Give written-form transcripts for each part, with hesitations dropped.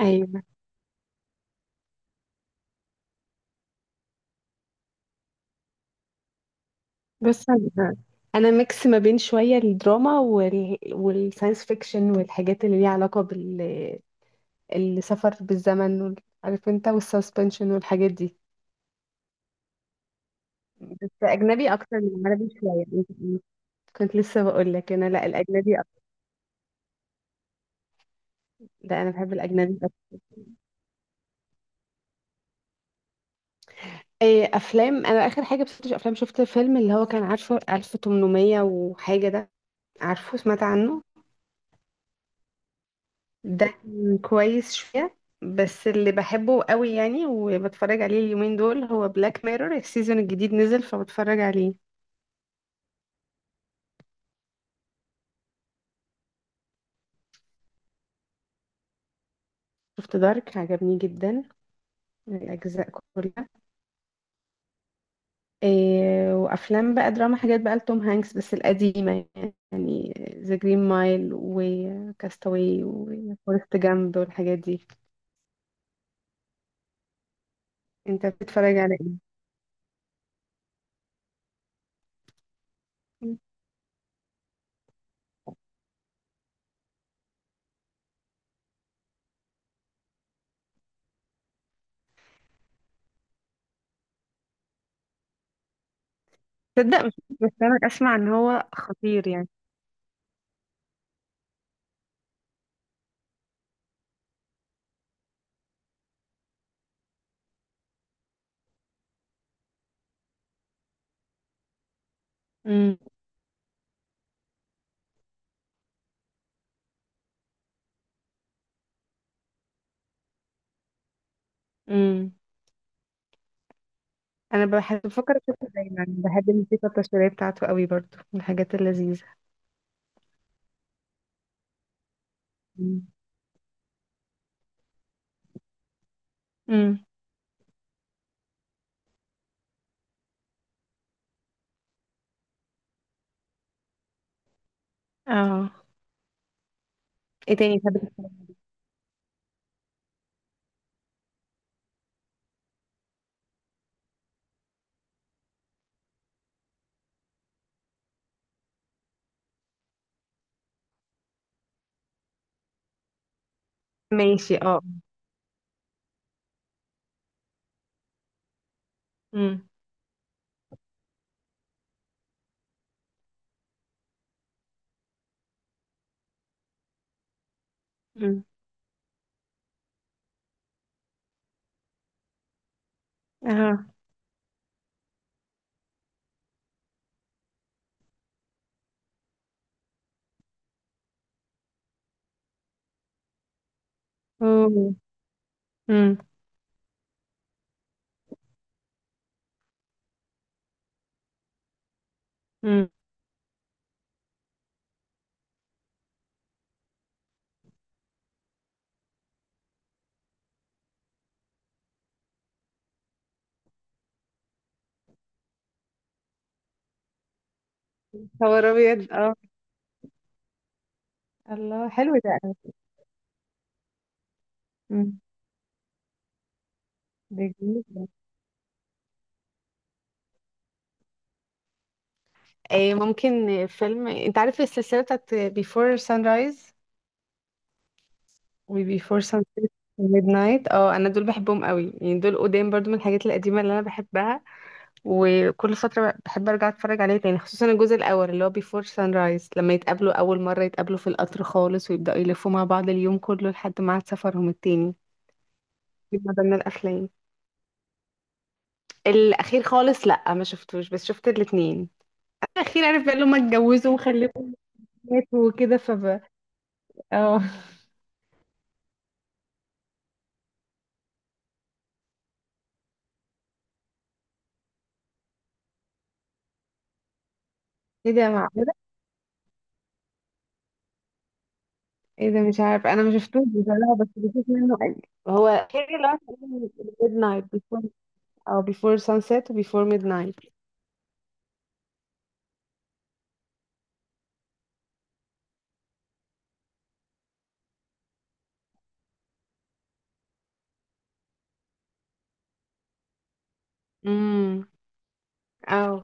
ايوه. بص أنا ميكس ما بين شويه الدراما والساينس فيكشن والحاجات اللي ليها علاقه بال السفر بالزمن عارف انت، والسسبنشن والحاجات دي. بس اجنبي اكتر من عربي شويه كنت لسه بقول لك انا، لا، الاجنبي أكتر. لا انا بحب الاجنبي أكتر. إيه افلام، انا اخر حاجه بس افلام شفت فيلم اللي هو كان، عارفه 1800 وحاجه ده؟ عارفه، سمعت عنه؟ ده كان كويس شوية. بس اللي بحبه قوي يعني وبتفرج عليه اليومين دول هو بلاك ميرور، السيزون الجديد نزل فبتفرج عليه. شفت دارك، عجبني جدا الأجزاء كلها. إيه وأفلام بقى دراما، حاجات بقى لتوم هانكس بس القديمة يعني. ذا جرين مايل وكاستاوي وفورست جامب والحاجات دي. انت بتتفرج على ايه؟ تصدق؟ مش بس انا اسمع ان هو خطير يعني. امم. انا بحب بفكر اشوفه دايما، بحب الموسيقى التصويريه بتاعته قوي برضو، من الحاجات اللذيذه. امم. أمم. اه. ايه تاني بحب تسمعي؟ ماشي، اه. امم. امم. اه. اوه. امم. امم. صور ابيض، اه. الله، حلو ده قوي. امم. ده جميل ده. إيه ممكن فيلم، انت عارف السلسله بتاعت Before Sunrise و Before Sunset و Midnight؟ اه انا دول بحبهم قوي يعني، دول قدام برضو من الحاجات القديمه اللي انا بحبها. وكل فترة بحب أرجع أتفرج عليه تاني، خصوصا الجزء الأول اللي هو بيفور سان رايز، لما يتقابلوا أول مرة، يتقابلوا في القطر خالص ويبدأوا يلفوا مع بعض اليوم كله لحد ميعاد سفرهم التاني. دي من ضمن الأفلام. الأخير خالص، لأ، ما شفتوش، بس شفت الاتنين. الأخير، عارف بقى اللي هما اتجوزوا وخلفوا وماتوا وكده فب. اه. ايه ده، معقولة؟ ايه ده، مش عارف، أنا ما شفتوش بصراحة بس بشوف منه قليل. هو الأخير اللي هو ميد نايت بيفور، أو بيفور سانسيت وبيفور ميد نايت. امم. اه.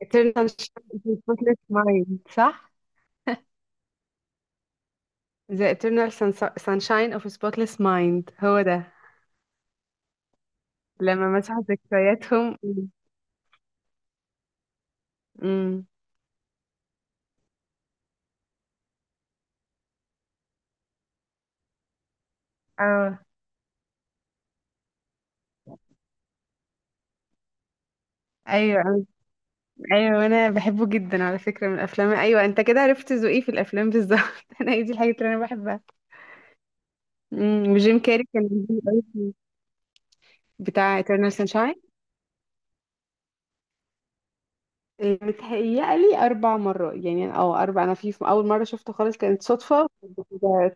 Eternal Sunshine of the Spotless Mind، صح؟ The Sunshine of a Spotless Mind، هو ده. لما مسحوا ذكرياتهم. امم. اه. ايوه. ايوه انا بحبه جدا على فكره، من الافلام. ايوه انت كده عرفت ذوقي في الافلام بالظبط. انا هي دي الحاجات اللي انا بحبها. امم، وجيم كاري كان جميل أوي بتاع Eternal Sunshine. متهيألي أربع مرات يعني أو أربع، أنا في أول مرة شفته خالص كانت صدفة ده-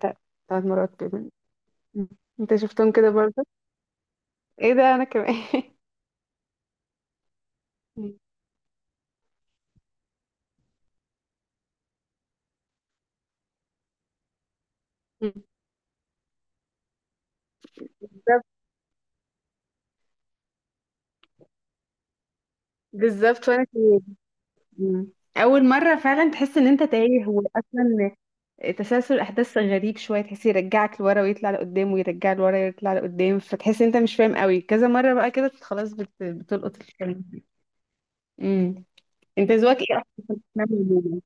ده- تلات مرات كمان. أمم. أنت شفتهم كده؟ ايه ده انا كمان بالظبط. بالظبط وانا كمان. مم. اول مره فعلا تحس ان انت تايه، واصلا تسلسل الاحداث غريب شويه، تحس يرجعك لورا ويطلع لقدام ويرجع لورا ويطلع لقدام، فتحس إن انت مش فاهم قوي، كذا مره بقى كده خلاص بتلقط الفيلم. امم. انت ذوقك ايه اصلا؟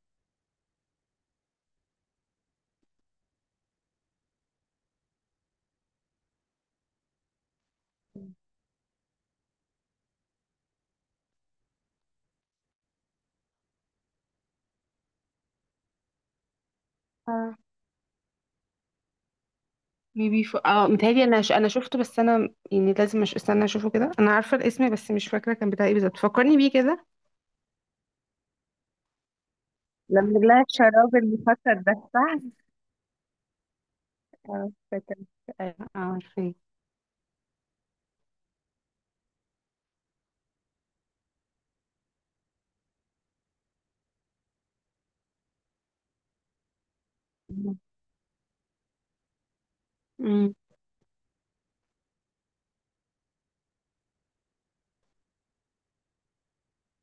اه ميبي اه متهيألي انا انا شفته، بس انا يعني لازم استنى اشوفه كده، انا عارفه الاسم بس مش فاكره كان بتاع ايه بالظبط، فكرني بيه كده. لما لها الشراب المفسد ده، صح. اه فاكر. اه عارفه. امم.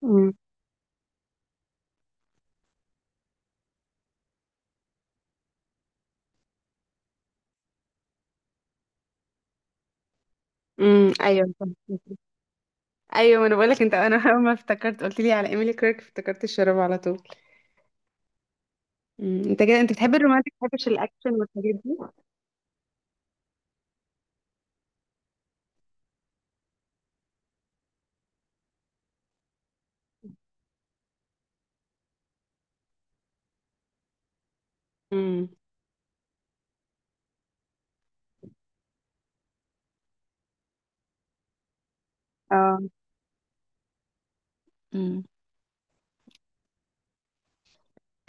امم. امم. ايوه صح. ايوه ما انا بقولك، انت انا اول ما افتكرت قلت لي على ايميلي كيرك، افتكرت الشراب على طول. امم. انت كده انت بتحب الرومانتك، ما بتحبش الاكشن والحاجات دي. امم. اه. امم.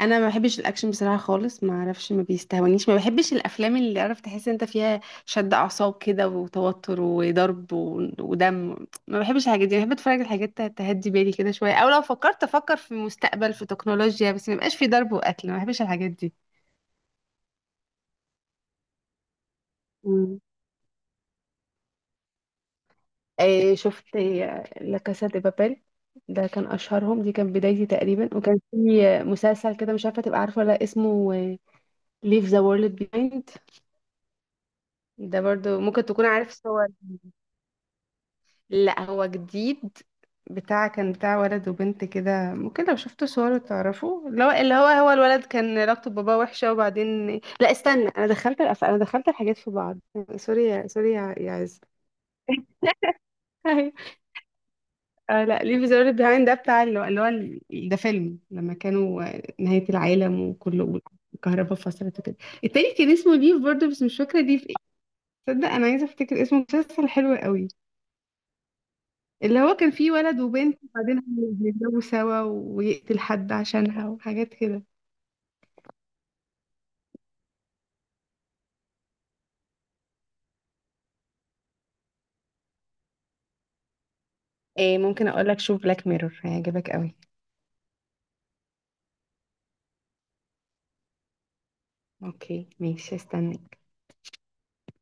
انا ما بحبش الاكشن بصراحه خالص، ما اعرفش، ما بيستهونيش، ما بحبش الافلام اللي عرفت تحس انت فيها شد اعصاب كده وتوتر وضرب ودم، ما بحبش الحاجات دي. بحب اتفرج على حاجات تهدي بالي كده شويه، او لو فكرت افكر في مستقبل في تكنولوجيا، بس ما يبقاش في ضرب وقتل، ما بحبش الحاجات دي. مم. إيه شفت إيه، لا كاسا دي بابيل، ده كان اشهرهم، دي كان بدايتي تقريبا. وكان في مسلسل كده، مش عارفه تبقى عارفه ولا لأ، اسمه ليف ذا وورلد بيهايند. ده برضو ممكن تكون عارف، صور. لا هو جديد. بتاع كان بتاع ولد وبنت كده، ممكن لو شفتوا صوره تعرفوا، اللي هو الولد كان علاقته بباباه وحشة وبعدين. لا استنى، انا دخلت الحاجات في بعض، سوري سوري يا عز. أيوة. آه لا، ليه بيزور بيهايند ده بتاع اللي هو ده فيلم لما كانوا نهاية العالم وكله، الكهرباء فصلت وكده. التاني كان اسمه ليف برضه، بس مش فاكرة ليف ايه. تصدق انا عايزة افتكر اسمه، مسلسل حلو قوي، اللي هو كان فيه ولد وبنت وبعدين بيتجوزوا سوا ويقتل حد عشانها وحاجات كده. إيه ممكن اقول لك، شوف بلاك ميرور، هيعجبك قوي. اوكي ماشي، استنى.